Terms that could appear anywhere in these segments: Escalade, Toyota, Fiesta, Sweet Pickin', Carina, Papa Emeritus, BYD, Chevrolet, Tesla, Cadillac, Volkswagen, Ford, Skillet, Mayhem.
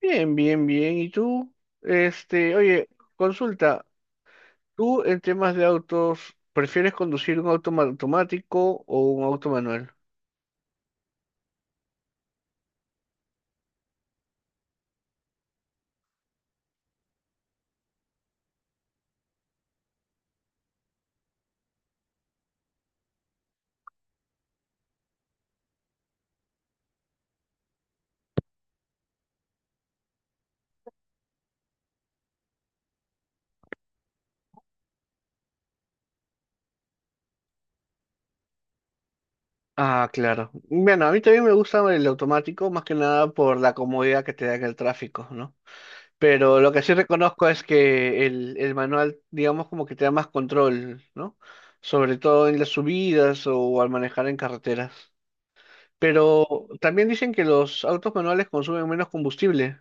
Bien, bien, bien. ¿Y tú? Oye, consulta, ¿tú en temas de autos prefieres conducir un automático o un auto manual? Ah, claro. Bueno, a mí también me gusta el automático, más que nada por la comodidad que te da en el tráfico, ¿no? Pero lo que sí reconozco es que el manual, digamos, como que te da más control, ¿no? Sobre todo en las subidas o al manejar en carreteras. Pero también dicen que los autos manuales consumen menos combustible.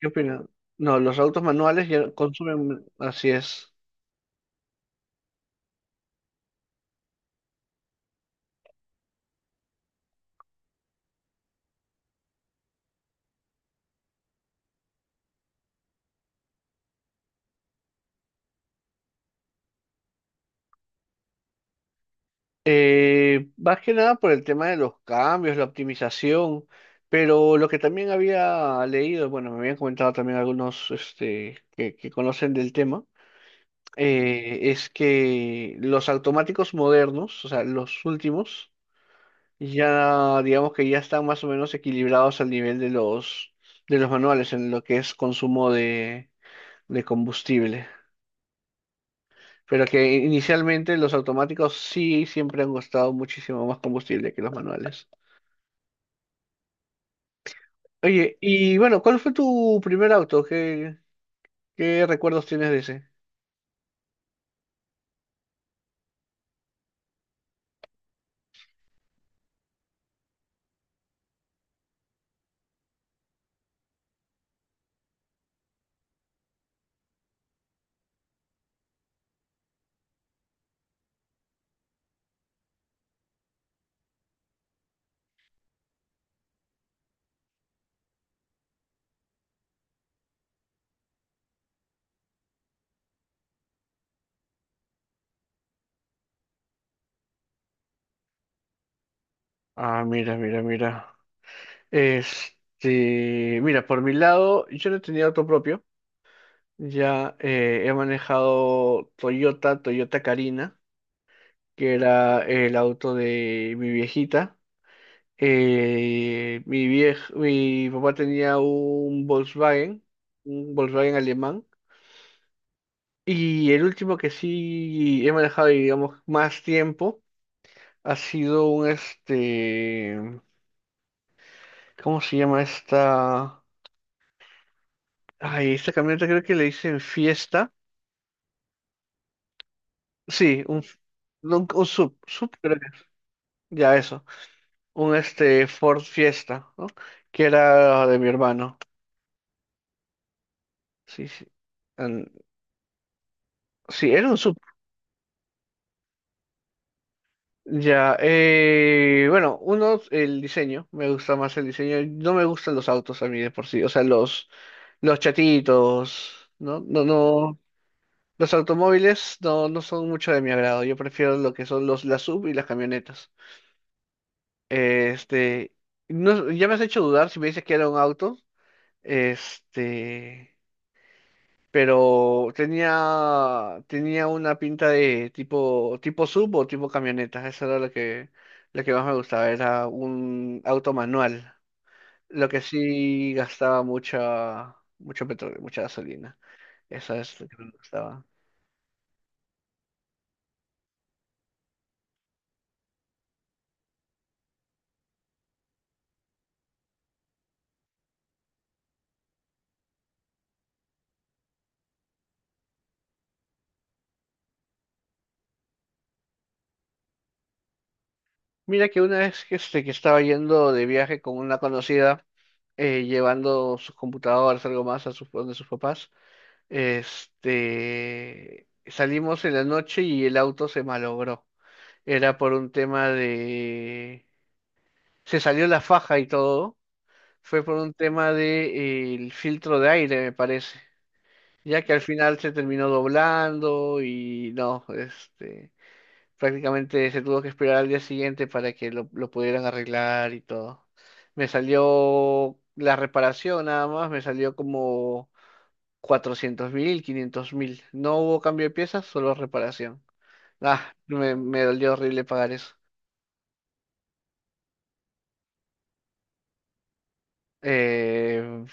¿Qué opinas? No, los autos manuales ya consumen, así es. Más que nada por el tema de los cambios, la optimización, pero lo que también había leído, bueno, me habían comentado también algunos que conocen del tema, es que los automáticos modernos, o sea, los últimos, ya digamos que ya están más o menos equilibrados al nivel de los manuales en lo que es consumo de combustible. Pero que inicialmente los automáticos sí siempre han costado muchísimo más combustible que los manuales. Oye, y bueno, ¿cuál fue tu primer auto? ¿Qué recuerdos tienes de ese? Ah, mira, mira, mira. Mira, por mi lado, yo no tenía auto propio. Ya, he manejado Toyota, Toyota Carina, que era el auto de mi viejita. Mi papá tenía un Volkswagen alemán. Y el último que sí he manejado, digamos, más tiempo ha sido un ¿cómo se llama esta? Ay, esta camioneta creo que le dicen Fiesta. Sí, un, f- no, un sub, sub creo que es. Ya eso, un Ford Fiesta, ¿no? Que era de mi hermano. Sí, sí. An- sí, era un sub. Ya, bueno, uno, el diseño, me gusta más el diseño, no me gustan los autos a mí de por sí, o sea, los chatitos, ¿no? No, no, los automóviles no, no son mucho de mi agrado, yo prefiero lo que son los, las sub y las camionetas. Este, no, ya me has hecho dudar si me dices que era un auto, este... pero tenía, tenía una pinta de tipo, tipo sub o tipo camioneta. Eso era lo que más me gustaba, era un auto manual. Lo que sí gastaba mucha, mucho petróleo, mucha gasolina. Eso es lo que me gustaba. Mira que una vez que estaba yendo de viaje con una conocida, llevando sus computadoras, algo más a sus, donde sus papás, salimos en la noche y el auto se malogró. Era por un tema de... Se salió la faja y todo, fue por un tema de, el filtro de aire, me parece, ya que al final se terminó doblando y no, prácticamente se tuvo que esperar al día siguiente para que lo pudieran arreglar y todo. Me salió la reparación nada más, me salió como 400 mil, 500 mil. No hubo cambio de piezas, solo reparación. Ah, me dolió horrible pagar eso. Eh,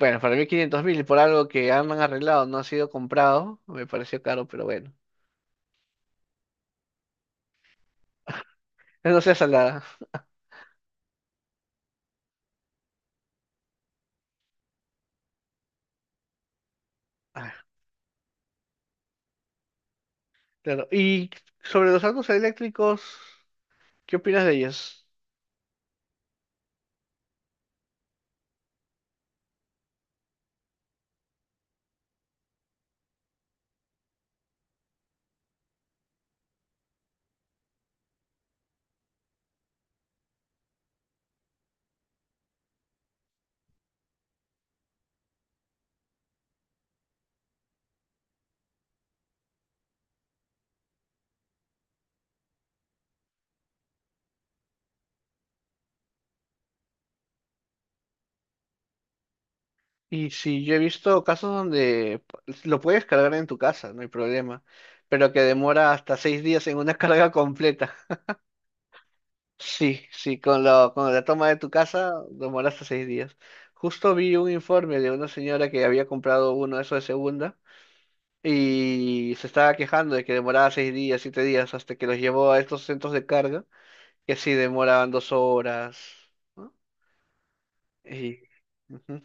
Bueno, para mí 500 mil por algo que han arreglado, no ha sido comprado, me pareció caro, pero bueno. No sea salada. Ah, claro. Y sobre los autos eléctricos, ¿qué opinas de ellos? Y si yo he visto casos donde lo puedes cargar en tu casa, no hay problema, pero que demora hasta seis días en una carga completa. Sí, sí, con la toma de tu casa demora hasta seis días. Justo vi un informe de una señora que había comprado uno de esos de segunda y se estaba quejando de que demoraba seis días, siete días, hasta que los llevó a estos centros de carga, que sí demoraban dos horas, ¿no? Y, ujú.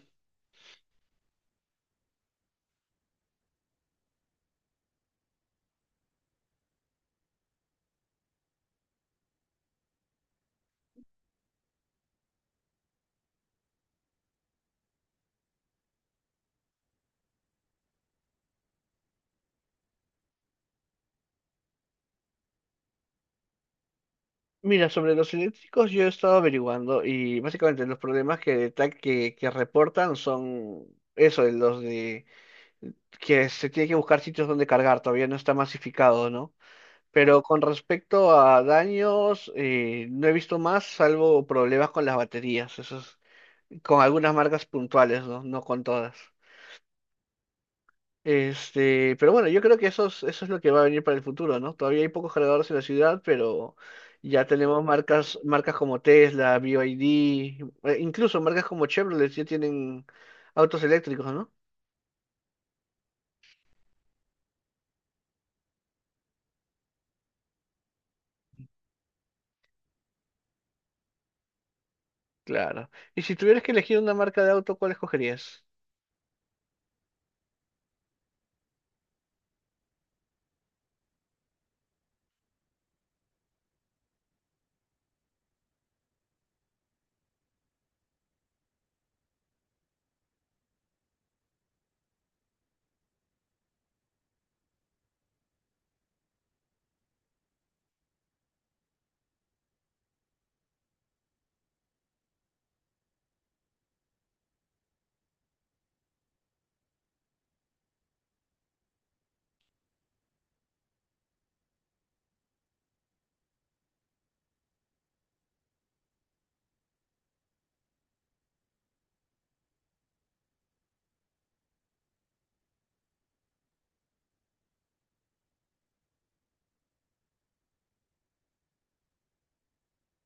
Mira, sobre los eléctricos yo he estado averiguando y básicamente los problemas que reportan son eso, de los de que se tiene que buscar sitios donde cargar, todavía no está masificado, ¿no? Pero con respecto a daños, no he visto más, salvo problemas con las baterías. Eso con algunas marcas puntuales, ¿no? No con todas. Pero bueno, yo creo que eso es lo que va a venir para el futuro, ¿no? Todavía hay pocos cargadores en la ciudad, pero ya tenemos marcas, marcas como Tesla, BYD, incluso marcas como Chevrolet ya tienen autos eléctricos, ¿no? Claro. Y si tuvieras que elegir una marca de auto, ¿cuál escogerías?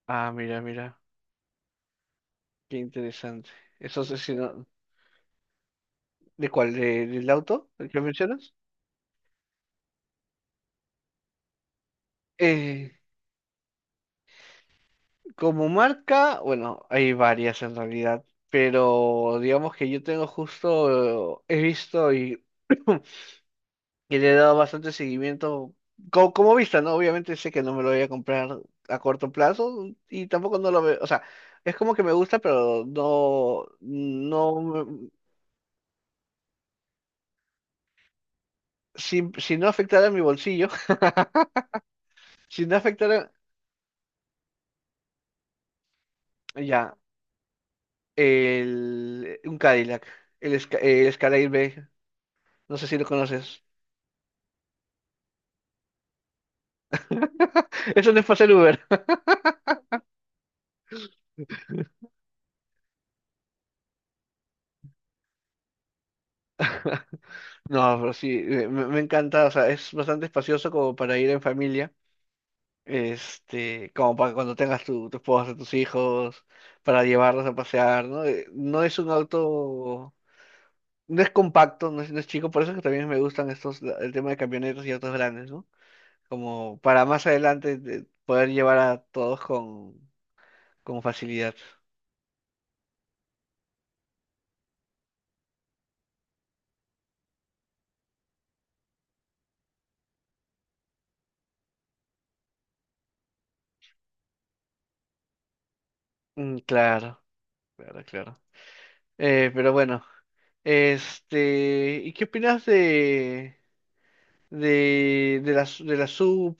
Ah, mira, mira, qué interesante. Eso es, si no- ¿de cuál? ¿ del auto? ¿El que mencionas? Eh, Como marca, bueno, hay varias en realidad, pero digamos que yo tengo justo, he visto y le he dado bastante seguimiento como, vista, ¿no? Obviamente sé que no me lo voy a comprar a corto plazo y tampoco no lo veo, o sea, es como que me gusta, pero si, si no afectara mi bolsillo, si no afectara, ya, un Cadillac, el Escalade B, no sé si lo conoces. Eso no es para hacer Uber. No, pero sí, me encanta, o sea, es bastante espacioso como para ir en familia, como para cuando tengas tu, tu esposa, tus hijos, para llevarlos a pasear, ¿no? No es un auto, no es compacto, no es chico, por eso es que también me gustan estos, el tema de camionetas y autos grandes, ¿no? Como para más adelante poder llevar a todos con facilidad. Mm, claro, claro, claro. Pero bueno, ¿y qué opinas de... de la sub,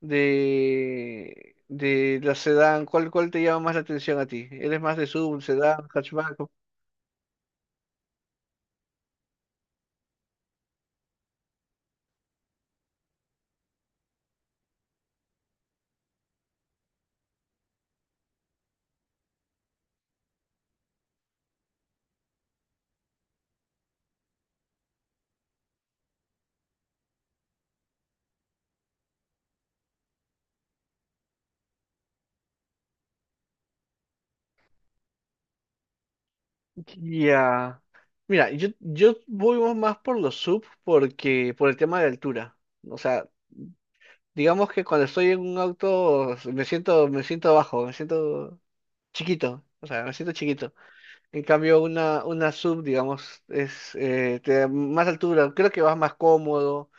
de la sedán, ¿cuál te llama más la atención a ti? ¿Eres más de sub, sedán, hatchback? Ya. Mira, yo voy más por los sub porque por el tema de altura. O sea, digamos que cuando estoy en un auto me siento bajo, me siento chiquito. O sea, me siento chiquito. En cambio, una sub, digamos, es, te da más altura. Creo que vas más cómodo,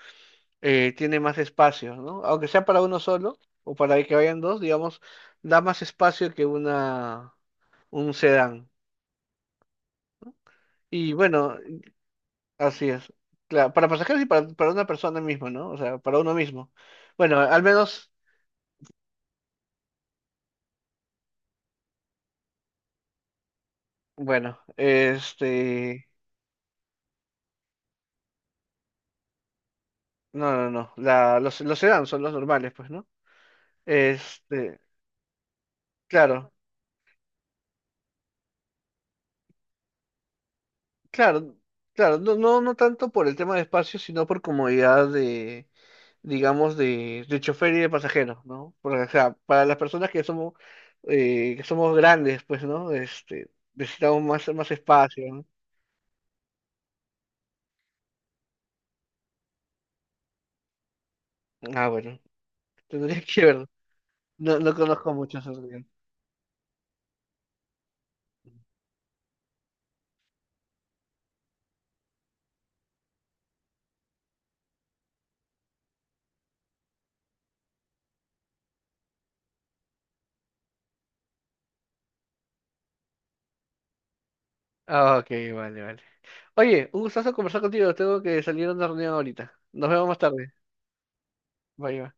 tiene más espacio, ¿no? Aunque sea para uno solo o para que vayan dos, digamos, da más espacio que una un sedán. Y bueno, así es. Claro, para pasajeros y para una persona misma, ¿no? O sea, para uno mismo. Bueno, al menos, bueno, no, no, los sedán son los normales, pues, ¿no? Este, claro, claro, claro, no, no, no tanto por el tema de espacio, sino por comodidad de, digamos, de chofer y de pasajeros, ¿no? Porque, o sea, para las personas que somos grandes, pues, ¿no? Necesitamos más, más espacio, ¿no? Ah, bueno, tendría que ver. No, no conozco mucho sobre bien. Ah, ok, vale, vale. Oye, un gustazo conversar contigo. Tengo que salir a una reunión ahorita. Nos vemos más tarde. Bye, bye.